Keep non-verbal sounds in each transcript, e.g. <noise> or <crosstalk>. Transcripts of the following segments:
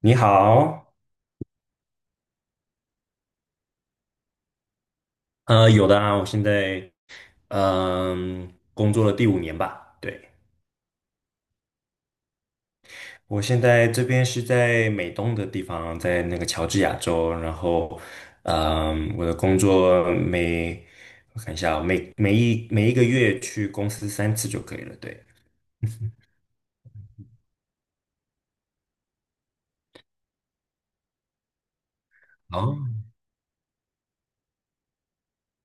你好。有的啊。我现在工作了第五年吧，对。我现在这边是在美东的地方，在那个乔治亚州，然后我的工作我看一下啊，每一个月去公司三次就可以了，对。哦。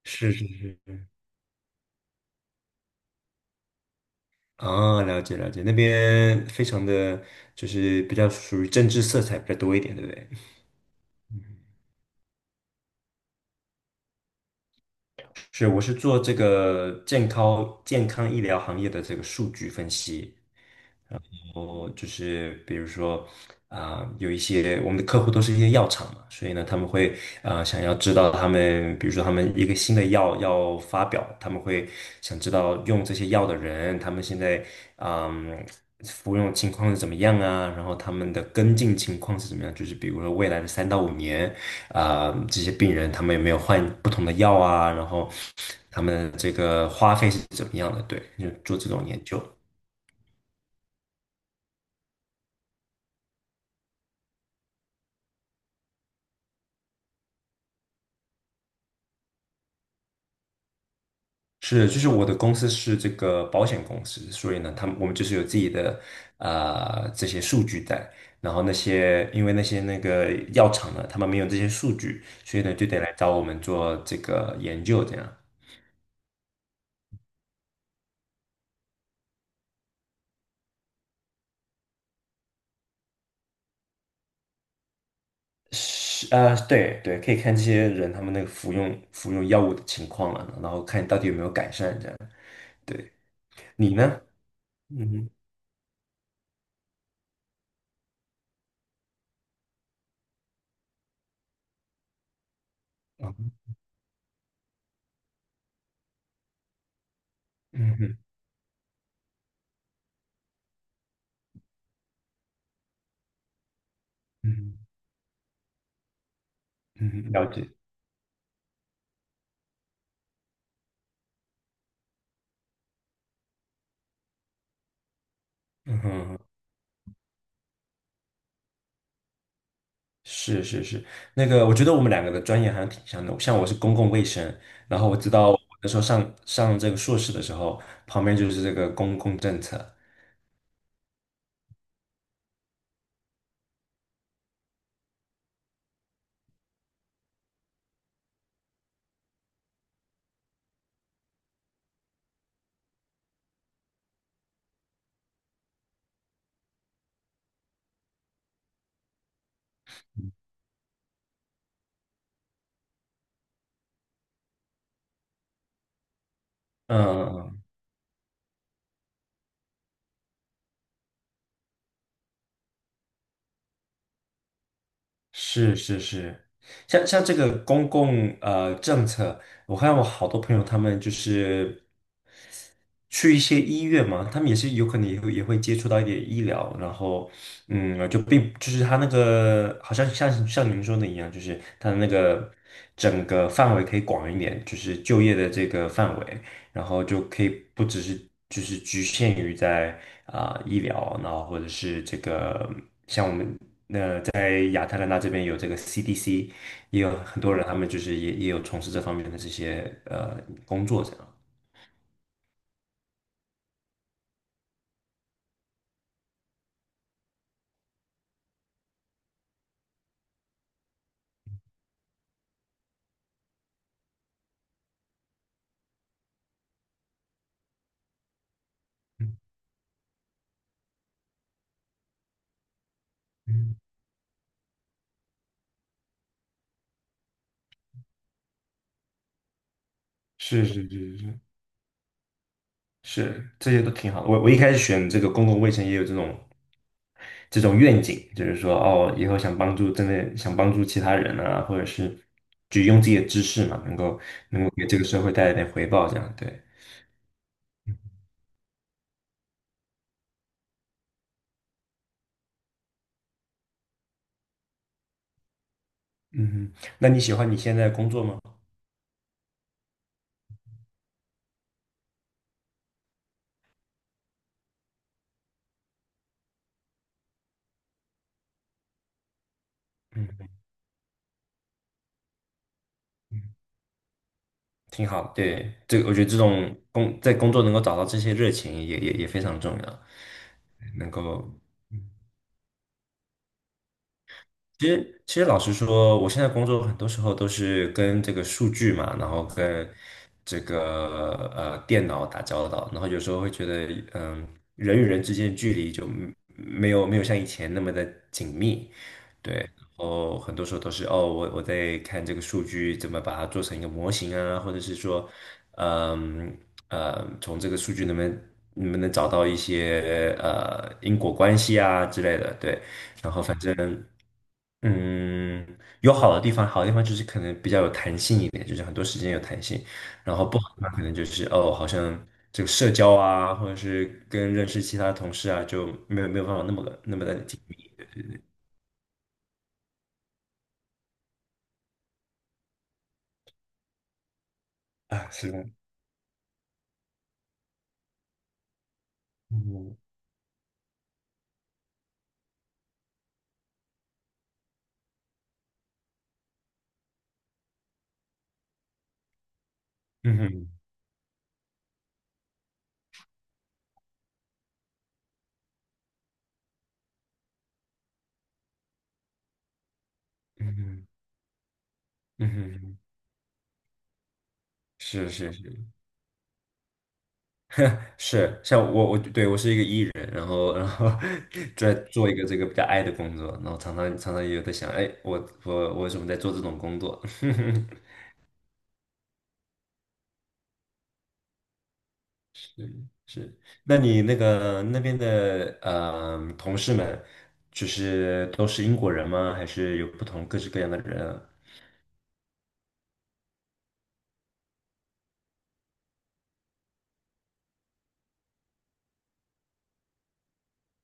是是是。哦，了解了解。那边非常的就是比较属于政治色彩比较多一点，对不对？是，我是做这个健康医疗行业的这个数据分析。后就是比如说有一些我们的客户都是一些药厂嘛，所以呢，他们会想要知道他们，比如说他们一个新的药要发表，他们会想知道用这些药的人，他们现在嗯、服用情况是怎么样啊，然后他们的跟进情况是怎么样，就是比如说未来的三到五年这些病人他们有没有换不同的药啊，然后他们这个花费是怎么样的，对，就做这种研究。是，就是我的公司是这个保险公司，所以呢，我们就是有自己的啊这些数据在，然后因为那个药厂呢，他们没有这些数据，所以呢就得来找我们做这个研究，这样。是啊，对对，可以看这些人他们那个服用药物的情况了，然后看到底有没有改善这样。对。你呢？嗯哼。嗯哼。嗯哼。嗯哼。嗯哼了解。嗯哼。是是是。那个我觉得我们两个的专业好像挺像的，像我是公共卫生，然后我知道我那时候上这个硕士的时候，旁边就是这个公共政策。嗯。是是是。像这个公共政策，我看我好多朋友他们就是去一些医院嘛，他们也是有可能也会接触到一点医疗，然后就是他那个好像像您说的一样，就是他的那个整个范围可以广一点，就是就业的这个范围，然后就可以不只是就是局限于在医疗，然后或者是这个。在亚特兰大这边有这个 CDC,也有很多人，他们就是也有从事这方面的这些工作，这样。嗯。是是是是。是这些都挺好的。我一开始选这个公共卫生也有这种愿景，就是说哦，以后想帮助真的想帮助其他人啊，或者是就用自己的知识嘛，能够给这个社会带来点回报，这样对。嗯哼。那你喜欢你现在的工作吗？嗯。挺好，对，这个我觉得这种工作能够找到这些热情也非常重要，能够其实老实说，我现在工作很多时候都是跟这个数据嘛，然后跟这个电脑打交道，然后有时候会觉得嗯、人与人之间的距离就没有像以前那么的紧密，对。然后很多时候都是哦，我在看这个数据怎么把它做成一个模型啊，或者是说，嗯从这个数据能不能找到一些因果关系啊之类的，对。然后反正嗯，有好的地方，好的地方就是可能比较有弹性一点，就是很多时间有弹性，然后不好的话，可能就是哦，好像这个社交啊，或者是跟认识其他同事啊，就没有办法那么的紧密。啊，是的。嗯。嗯哼。嗯哼。嗯哼。是是是是，像我我是一个 E 人，然后 <laughs> 在做一个这个比较 I 的工作，然后常常也有在想，哎，我为什么在做这种工作？<laughs> 是是。那你那个那边的同事们，就是都是英国人吗？还是有不同各式各样的人啊？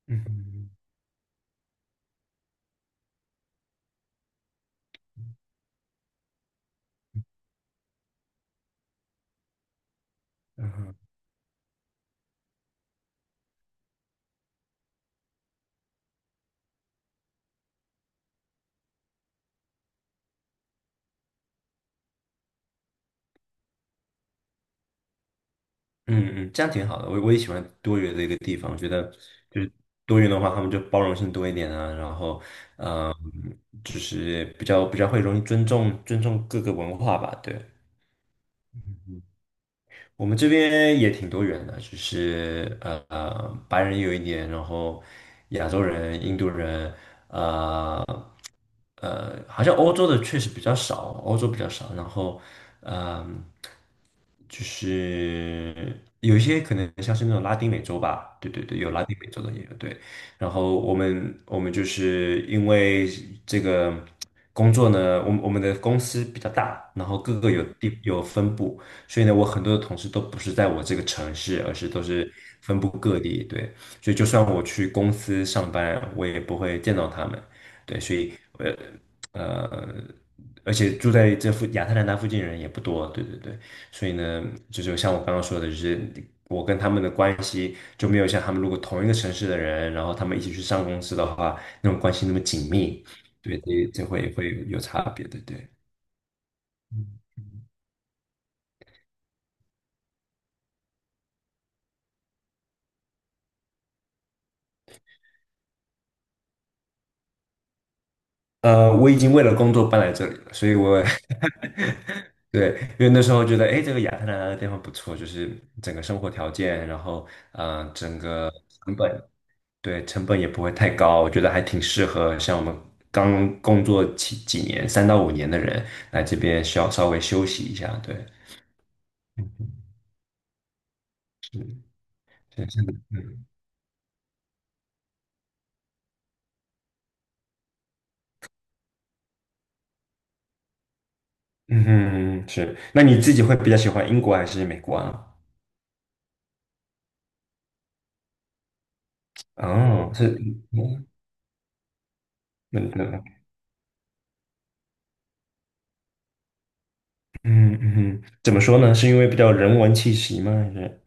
嗯嗯嗯，这样挺好的。我也喜欢多元的一个地方，我觉得就是多元的话，他们就包容性多一点啊，然后嗯，就是比较会容易尊重各个文化吧。对，我们这边也挺多元的，就是白人有一点，然后亚洲人、印度人。呃好像欧洲的确实比较少，欧洲比较少。然后，嗯、就是有一些可能像是那种拉丁美洲吧，对对对，有拉丁美洲的也有对。然后我们就是因为这个工作呢，我们的公司比较大，然后各个有地有分部，所以呢，我很多的同事都不是在我这个城市，而是都是分布各地。对，所以就算我去公司上班，我也不会见到他们。对，所以呃，而且住在亚特兰大附近的人也不多，对对对。所以呢，就是像我刚刚说的，就是我跟他们的关系就没有像他们如果同一个城市的人，然后他们一起去上公司的话，那种关系那么紧密，对，这会有差别，对对。我已经为了工作搬来这里了，所以我 <laughs> 对。因为那时候觉得，哎，这个亚特兰大的地方不错，就是整个生活条件，然后，整个成本。对，成本也不会太高，我觉得还挺适合像我们刚工作几年，三到五年的人来这边稍微休息一下。对。嗯。是是是的。嗯。嗯哼。是。那你自己会比较喜欢英国还是美国啊？哦，是。嗯。嗯。嗯。嗯哼。怎么说呢？是因为比较人文气息吗？还是？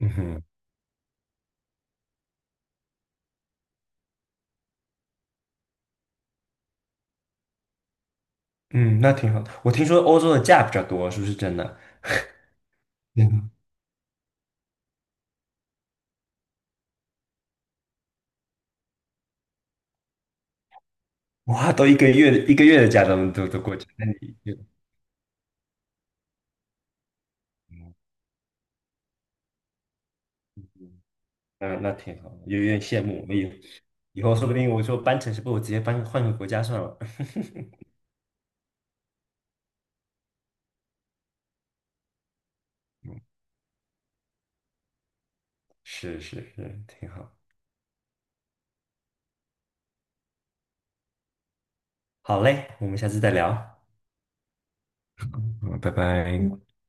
嗯哼。嗯，那挺好的。我听说欧洲的假比较多，是不是真的？嗯。哇，都一个月一个月的假都过去了，那你就。嗯，那挺好的，有点羡慕。我以后说不定我说搬城市，不如直接搬换个国家算了。<laughs> 嗯，是是是，挺好。好嘞，我们下次再聊。嗯，拜拜。